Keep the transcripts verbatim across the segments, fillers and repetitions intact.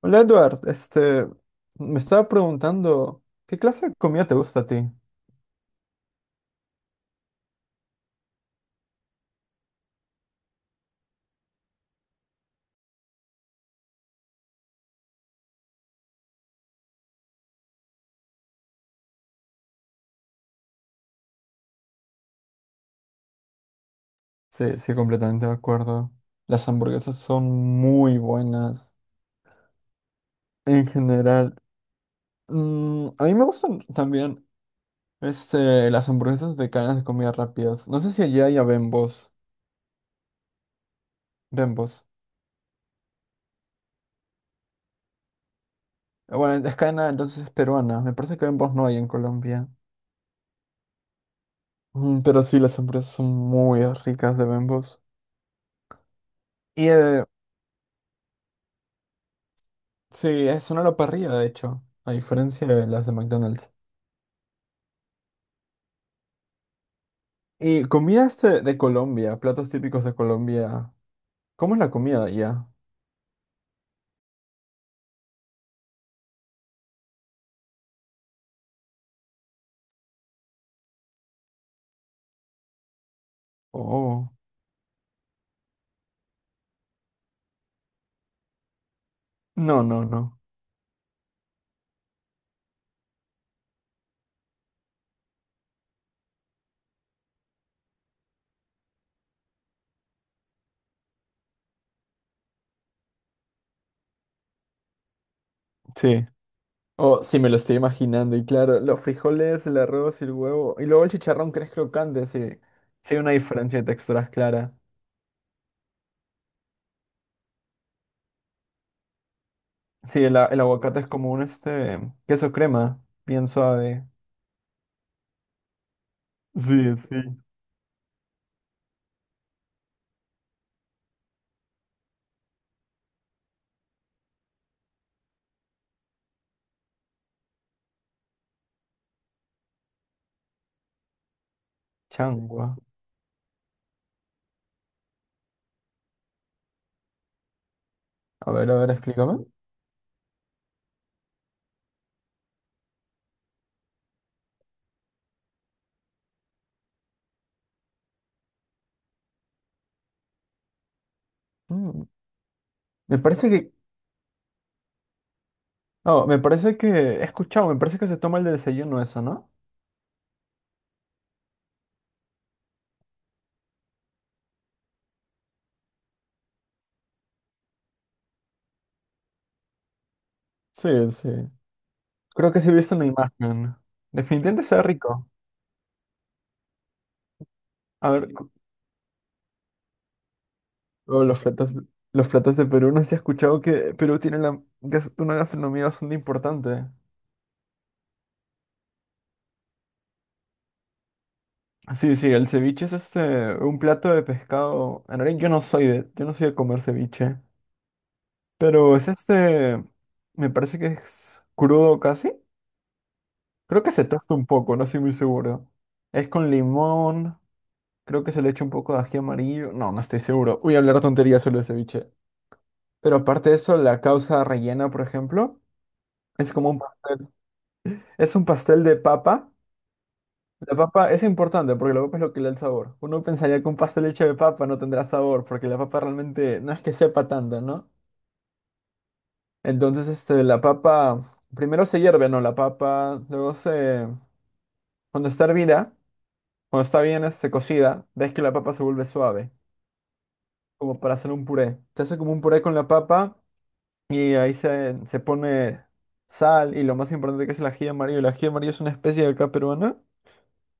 Hola Edward, este, me estaba preguntando, ¿qué clase de comida te gusta a ti? Sí, sí, completamente de acuerdo. Las hamburguesas son muy buenas en general. Mm, a mí me gustan también, este, las hamburguesas de cadenas de comida rápidas. No sé si allá hay a Bembos. Bembos. Eh, Bueno, es cadena, entonces es peruana. Me parece que Bembos no hay en Colombia. Mm, pero sí, las hamburguesas son muy ricas de Bembos. Y eh, sí, es una a la parrilla, de hecho, a diferencia de las de McDonald's. Y comidas de, de Colombia, platos típicos de Colombia. ¿Cómo es la comida allá? Oh, no, no, no. Sí. Oh, sí, me lo estoy imaginando. Y claro, los frijoles, el arroz y el huevo. Y luego el chicharrón que es crocante, sí. Sí, hay una diferencia de texturas clara. Sí, el, a- el aguacate es como un este queso crema, bien suave. Sí, sí. Changua. A ver, a ver, explícame. Mm, me parece que. Oh, me parece que. He escuchado, me parece que se toma el desayuno eso, ¿no? Sí, sí. Creo que sí he visto una imagen. Definitivamente se rico. A ver, cu- oh, los platos, los platos de Perú. No sé si has escuchado que Perú tiene la, gas- una gastronomía bastante importante. Sí, sí, el ceviche es este, un plato de pescado. En realidad yo no soy de, yo no soy de comer ceviche. Pero es este, me parece que es crudo casi. Creo que se tosta un poco, no estoy muy seguro. Es con limón, creo que se le echa un poco de ají amarillo. No, no estoy seguro. Voy a hablar tonterías sobre el ceviche. Pero aparte de eso, la causa rellena, por ejemplo, es como un pastel. Es un pastel de papa. La papa es importante porque la papa es lo que le da el sabor. Uno pensaría que un pastel hecho de papa no tendrá sabor porque la papa realmente no es que sepa tanto, ¿no? Entonces, este, la papa, primero se hierve, ¿no? La papa, luego se, cuando está hervida, cuando está bien, este, cocida, ves que la papa se vuelve suave, como para hacer un puré. Se hace como un puré con la papa. Y ahí se, se pone sal y lo más importante que es el ají amarillo. El ají amarillo es una especie de acá peruana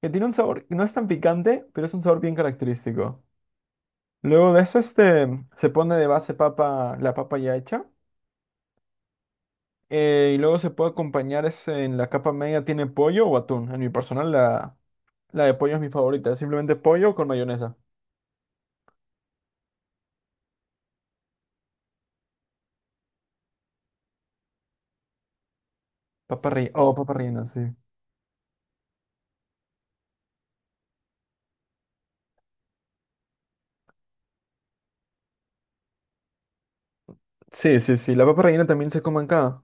que tiene un sabor, no es tan picante, pero es un sabor bien característico. Luego de eso este, se pone de base papa, la papa ya hecha. Eh, y luego se puede acompañar ese- en la capa media tiene pollo o atún. En mi personal la, la de pollo es mi favorita. Simplemente pollo con mayonesa. Papa rellena. Oh, papa rellena, sí. Sí, sí, sí. La papa rellena también se come acá.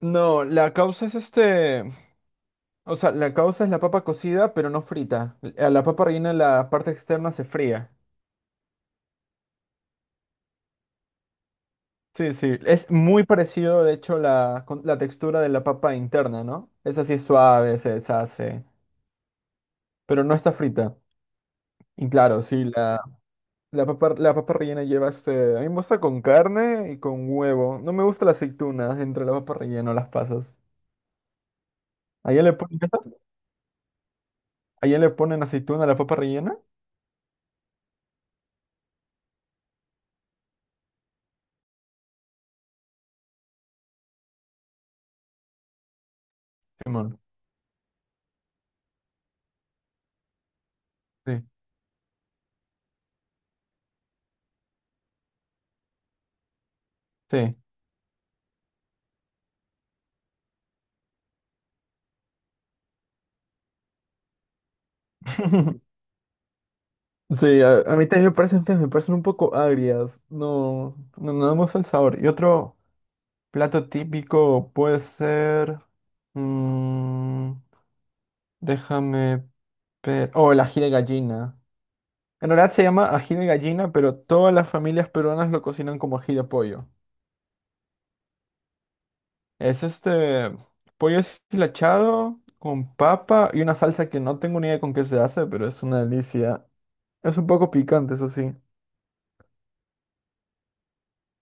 No, la causa es este. O sea, la causa es la papa cocida, pero no frita. A la papa rellena la parte externa se fría. Sí, sí. Es muy parecido, de hecho, la, con- la textura de la papa interna, ¿no? Esa sí es suave, se deshace, pero no está frita. Y claro, sí, la, la papa, la papa rellena lleva este... A mí me gusta con carne y con huevo. No me gusta la aceituna entre la papa rellena o las pasas. ¿Allá le ponen, ¿allá le ponen aceituna a la papa rellena? Simón. Sí, sí. Sí, a, a mí también me parecen feas, me parecen un poco agrias. No, no, no me gusta el sabor. Y otro plato típico puede ser. Mm, déjame ver. Oh, el ají de gallina. En realidad se llama ají de gallina, pero todas las familias peruanas lo cocinan como ají de pollo. Es este pollo deshilachado con papa y una salsa que no tengo ni idea con qué se hace, pero es una delicia. Es un poco picante, eso sí.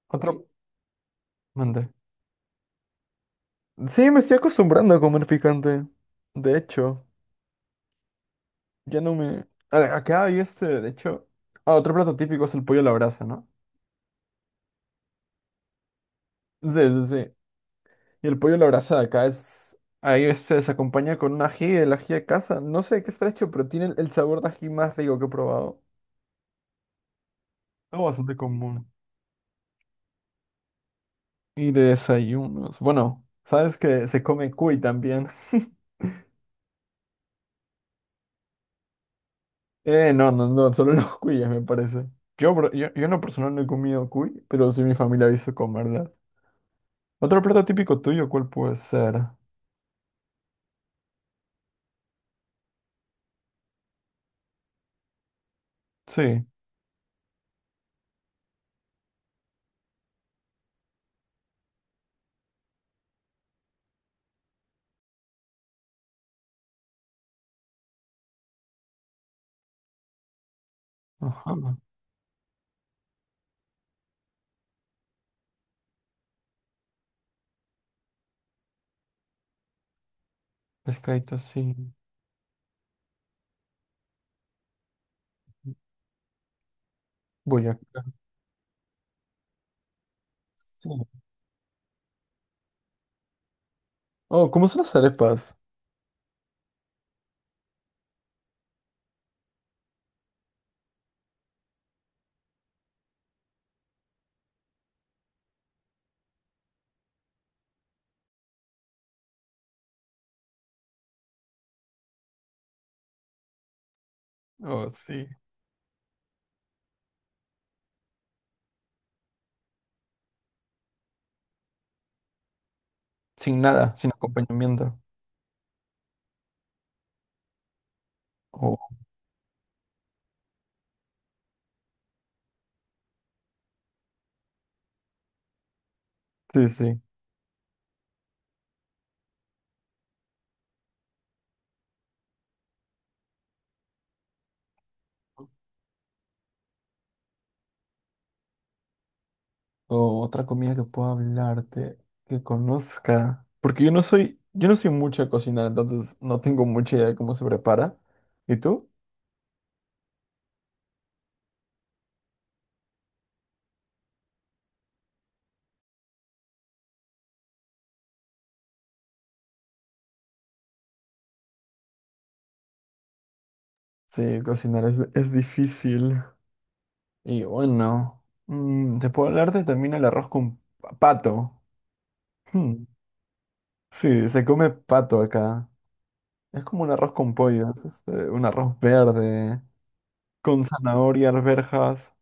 Otro. Mande. Sí, me estoy acostumbrando a comer picante. De hecho, ya no me... A ver, acá hay este, de hecho... Ah, otro plato típico es el pollo a la brasa, ¿no? Sí, sí, sí. Y el pollo a la brasa de acá es... Ahí este se acompaña con un ají, el ají de casa. No sé de qué está hecho, pero tiene el el sabor de ají más rico que he probado. Algo bastante común. Y de desayunos. Bueno, sabes que se come cuy también. Eh, no, no, no, solo los cuyes me parece. Yo, bro- yo, yo en lo personal no he comido cuy, pero sí mi familia ha visto comerla. Otro plato típico tuyo, ¿cuál puede ser? Sí. Ajá. Pescadito, sí. Boyacá, sí. Oh, ¿cómo son las arepas? Oh, sí. Sin nada, sin acompañamiento. Oh, sí, sí. O otra comida que pueda hablarte, que conozca. Porque yo no soy, yo no soy mucho a cocinar, entonces no tengo mucha idea de cómo se prepara. ¿Y tú? Sí, cocinar es, es difícil. Y bueno, mm, te puedo hablarte también el arroz con pa- pato. Sí, se come pato acá. Es como un arroz con pollo, es este, un arroz verde, con zanahoria, arvejas.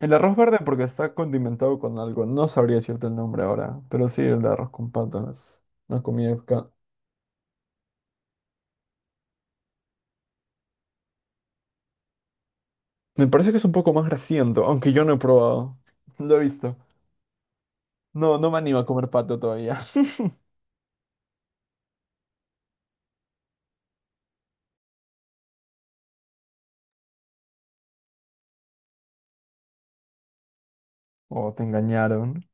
El arroz verde porque está condimentado con algo, no sabría decirte el nombre ahora, pero sí, el arroz con pato no es una comida acá. Me parece que es un poco más grasiento, aunque yo no he probado. Lo he visto. No, no me animo a comer pato todavía. O te engañaron.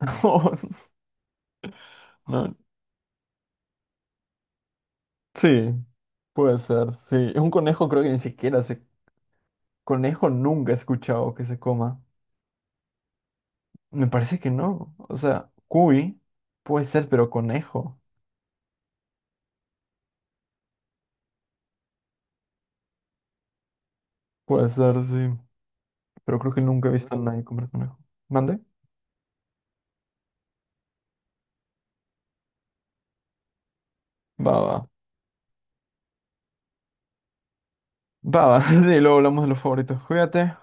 O no. Sí, puede ser, sí. Un conejo creo que ni siquiera se... Conejo nunca he escuchado que se coma. Me parece que no. O sea, cuy puede ser, pero conejo. Puede ser, sí. Pero creo que nunca he visto a nadie comer conejo. ¿Mande? Va, va. Va, va. Sí, luego hablamos de los favoritos. Cuídate.